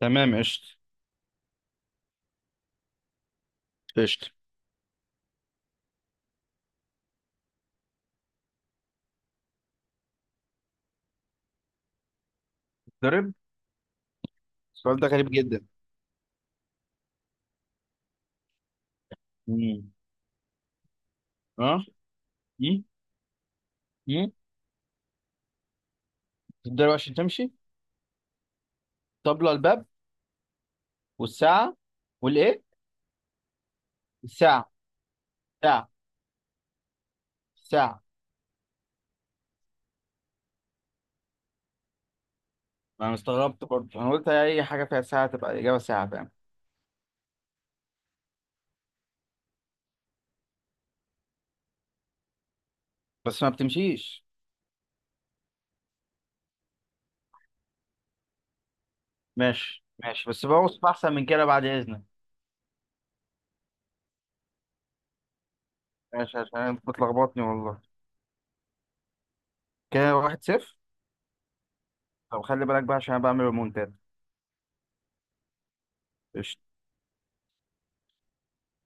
تمام، قشطة. قشطة. ضرب. السؤال ده غريب جدا. مم. اه. مم. مم. تتضرب عشان تمشي. طبلة الباب والساعة والايه الساعة. ساعة. ساعة. انا استغربت برضه، انا قلت اي حاجة فيها ساعة تبقى الإجابة ساعة، فاهم. بس ما بتمشيش. ماشي ماشي، بس بوصف احسن من كده بعد اذنك. ماشي، عشان أنت بتلخبطني والله. كده واحد صفر. طب خلي بالك بقى، عشان انا بعمل ريمونتاد. قشطة.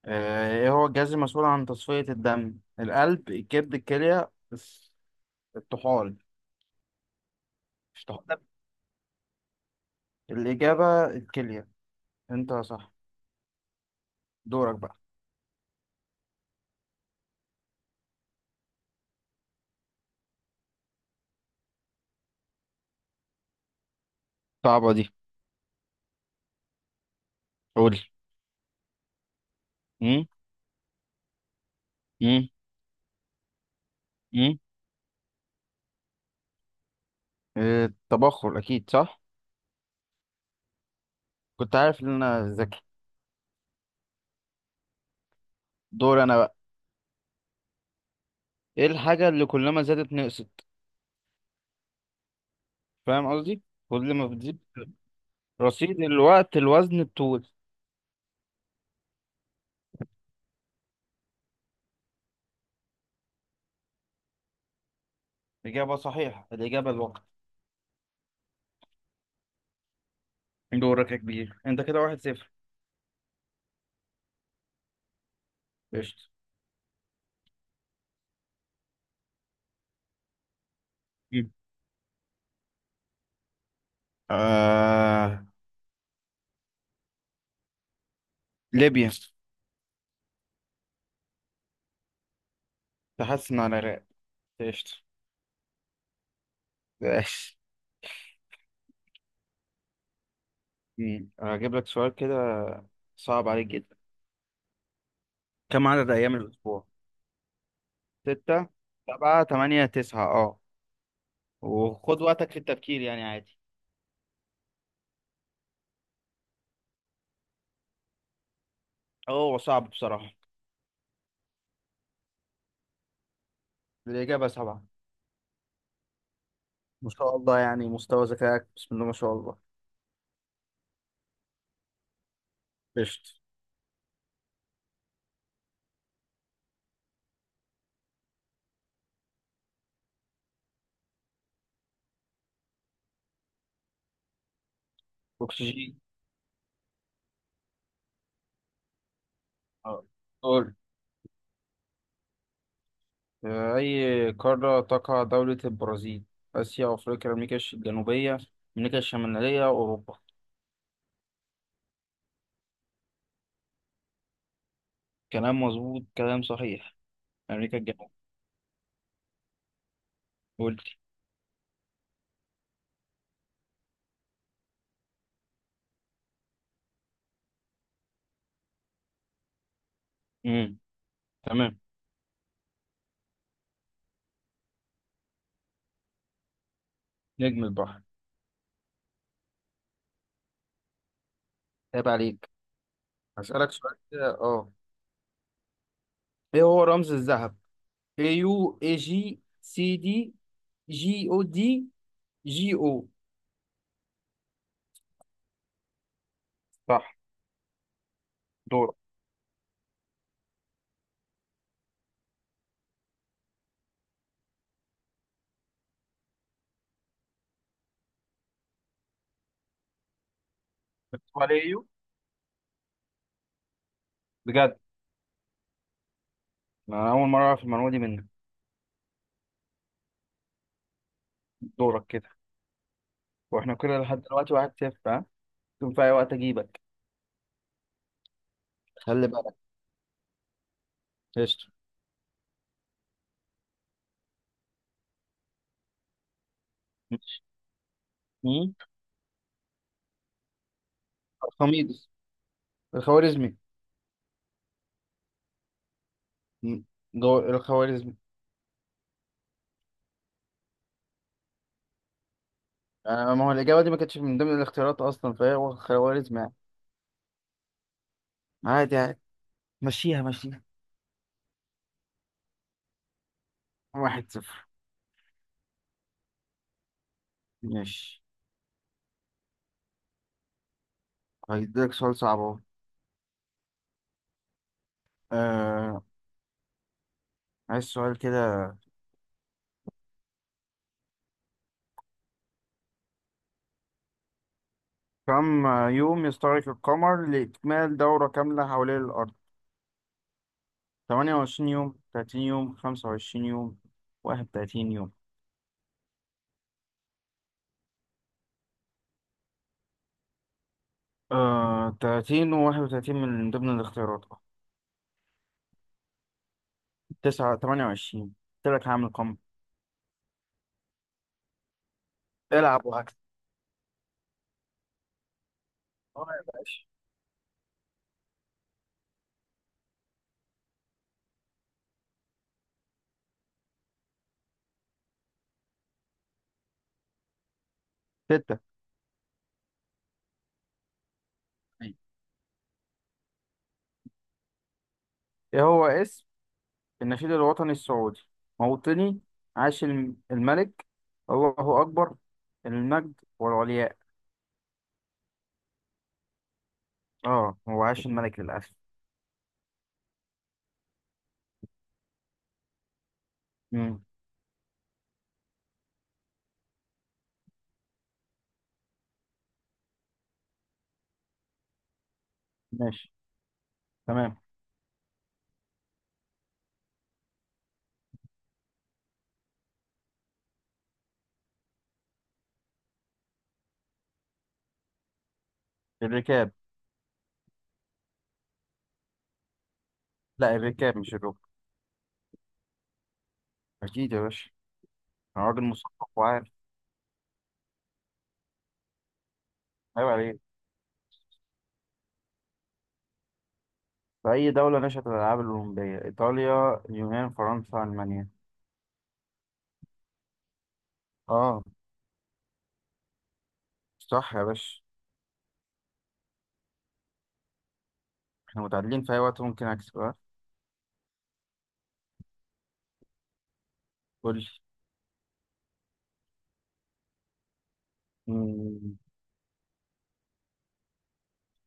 ايه هو الجهاز المسؤول عن تصفية الدم؟ القلب، الكبد، الكلية، الطحال. مش طح- الإجابة الكلية. أنت صح. دورك بقى. صعبة دي. قول. مم؟ مم؟ مم؟ التبخر أكيد صح. كنت عارف إن أنا ذكي. دور أنا بقى. إيه الحاجة اللي كلما زادت نقصت؟ فاهم قصدي؟ كل ما بتزيد رصيد، الوقت، الوزن، الطول. إجابة صحيحة، الإجابة الوقت. دورك يا كبير، أنت كده واحد صفر. قشطة. مم. آه... ليبيا. تحسن على العراق. قشطة. ماشي. مم. هجيب لك سؤال كده، صعب عليك جدا. كم عدد أيام الأسبوع؟ ستة، سبعة، تمانية، تسعة، اه. وخد وقتك في التفكير يعني، عادي. هو صعب بصراحة. الإجابة سبعة. ما شاء الله، يعني مستوى ذكائك، بسم الله ما شاء الله. قشطة. أكسجين. اه، قول. في أي قارة تقع دولة البرازيل؟ آسيا، أفريقيا، أمريكا الجنوبية، أمريكا الشمالية، أوروبا. كلام مظبوط، كلام صحيح. أمريكا الجنوبية. قلت. امم. تمام. نجم البحر. عيب عليك. هسألك سؤال كده، اه. ايه هو رمز الذهب؟ اي يو، اي جي، سي دي، جي او دي، جي او. صح. دورك. مكتوب عليه، ايوه. بجد؟ انا اول مره اعرف المعلومه دي منك. دورك كده. واحنا كده لحد دلوقتي واحد صفر، ها؟ ممكن في اي وقت اجيبك. خلي بالك. قشطة. مم. الخميس. الخوارزمي. م- الخوارزمي. آه، ما هو الإجابة دي ما كانتش من ضمن الاختيارات أصلا، فهي هو خوارزمي يعني. عادي عادي. مشيها مشيها. واحد صفر. ماشي. هيديلك سؤال صعب أهو. آه، عايز سؤال كده. كم يوم يستغرق القمر لإكمال دورة كاملة حوالين الأرض؟ 28 يوم، 30 يوم، 25 يوم، 31 يوم. 30 و 31 من ضمن الاختيارات. 9 28. قلت لك هعمل قمر. العب وهكذا. اه يا باشا. 6. طيب. إيه هو اسم النشيد الوطني السعودي؟ موطني، عاش الملك، الله أكبر، المجد والعلياء. آه، هو عاش الملك للأسف. مم. ماشي. تمام. الركاب. لا، الركاب مش الركب. اكيد يا باشا. انا راجل مثقف وعارف. عيب عليك. في اي دوله نشأت الالعاب الاولمبيه؟ ايطاليا، اليونان، فرنسا، المانيا. اه. صح يا باشا. احنا متعادلين، في اي وقت ممكن اكسب، ها؟ قول لي. مم،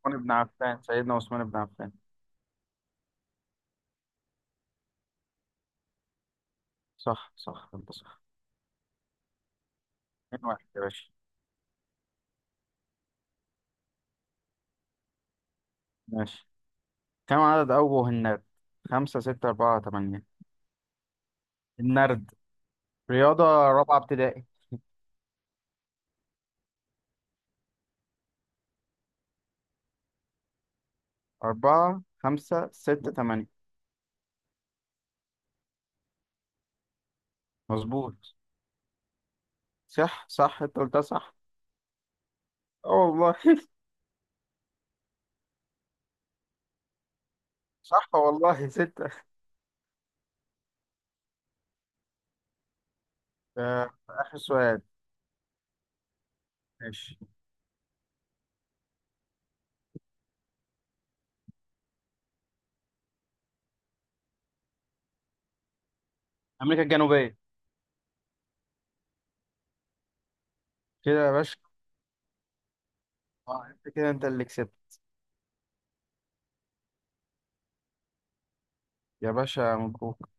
عثمان بن عفان، سيدنا عثمان بن عفان. صح صح انت صح. اتنين واحد يا باشا. ماشي. كم عدد اوجه النرد؟ خمسة، ستة، أربعة، تمانية. النرد، رياضة رابعة ابتدائي. أربعة، خمسة، ستة، تمانية. مظبوط. صح صح انت قلتها صح. اه والله. صح والله ستة. آخر سؤال. ماشي. امريكا الجنوبيه. كده يا باشا. انت كده انت اللي كسبت. يا باشا مبروك.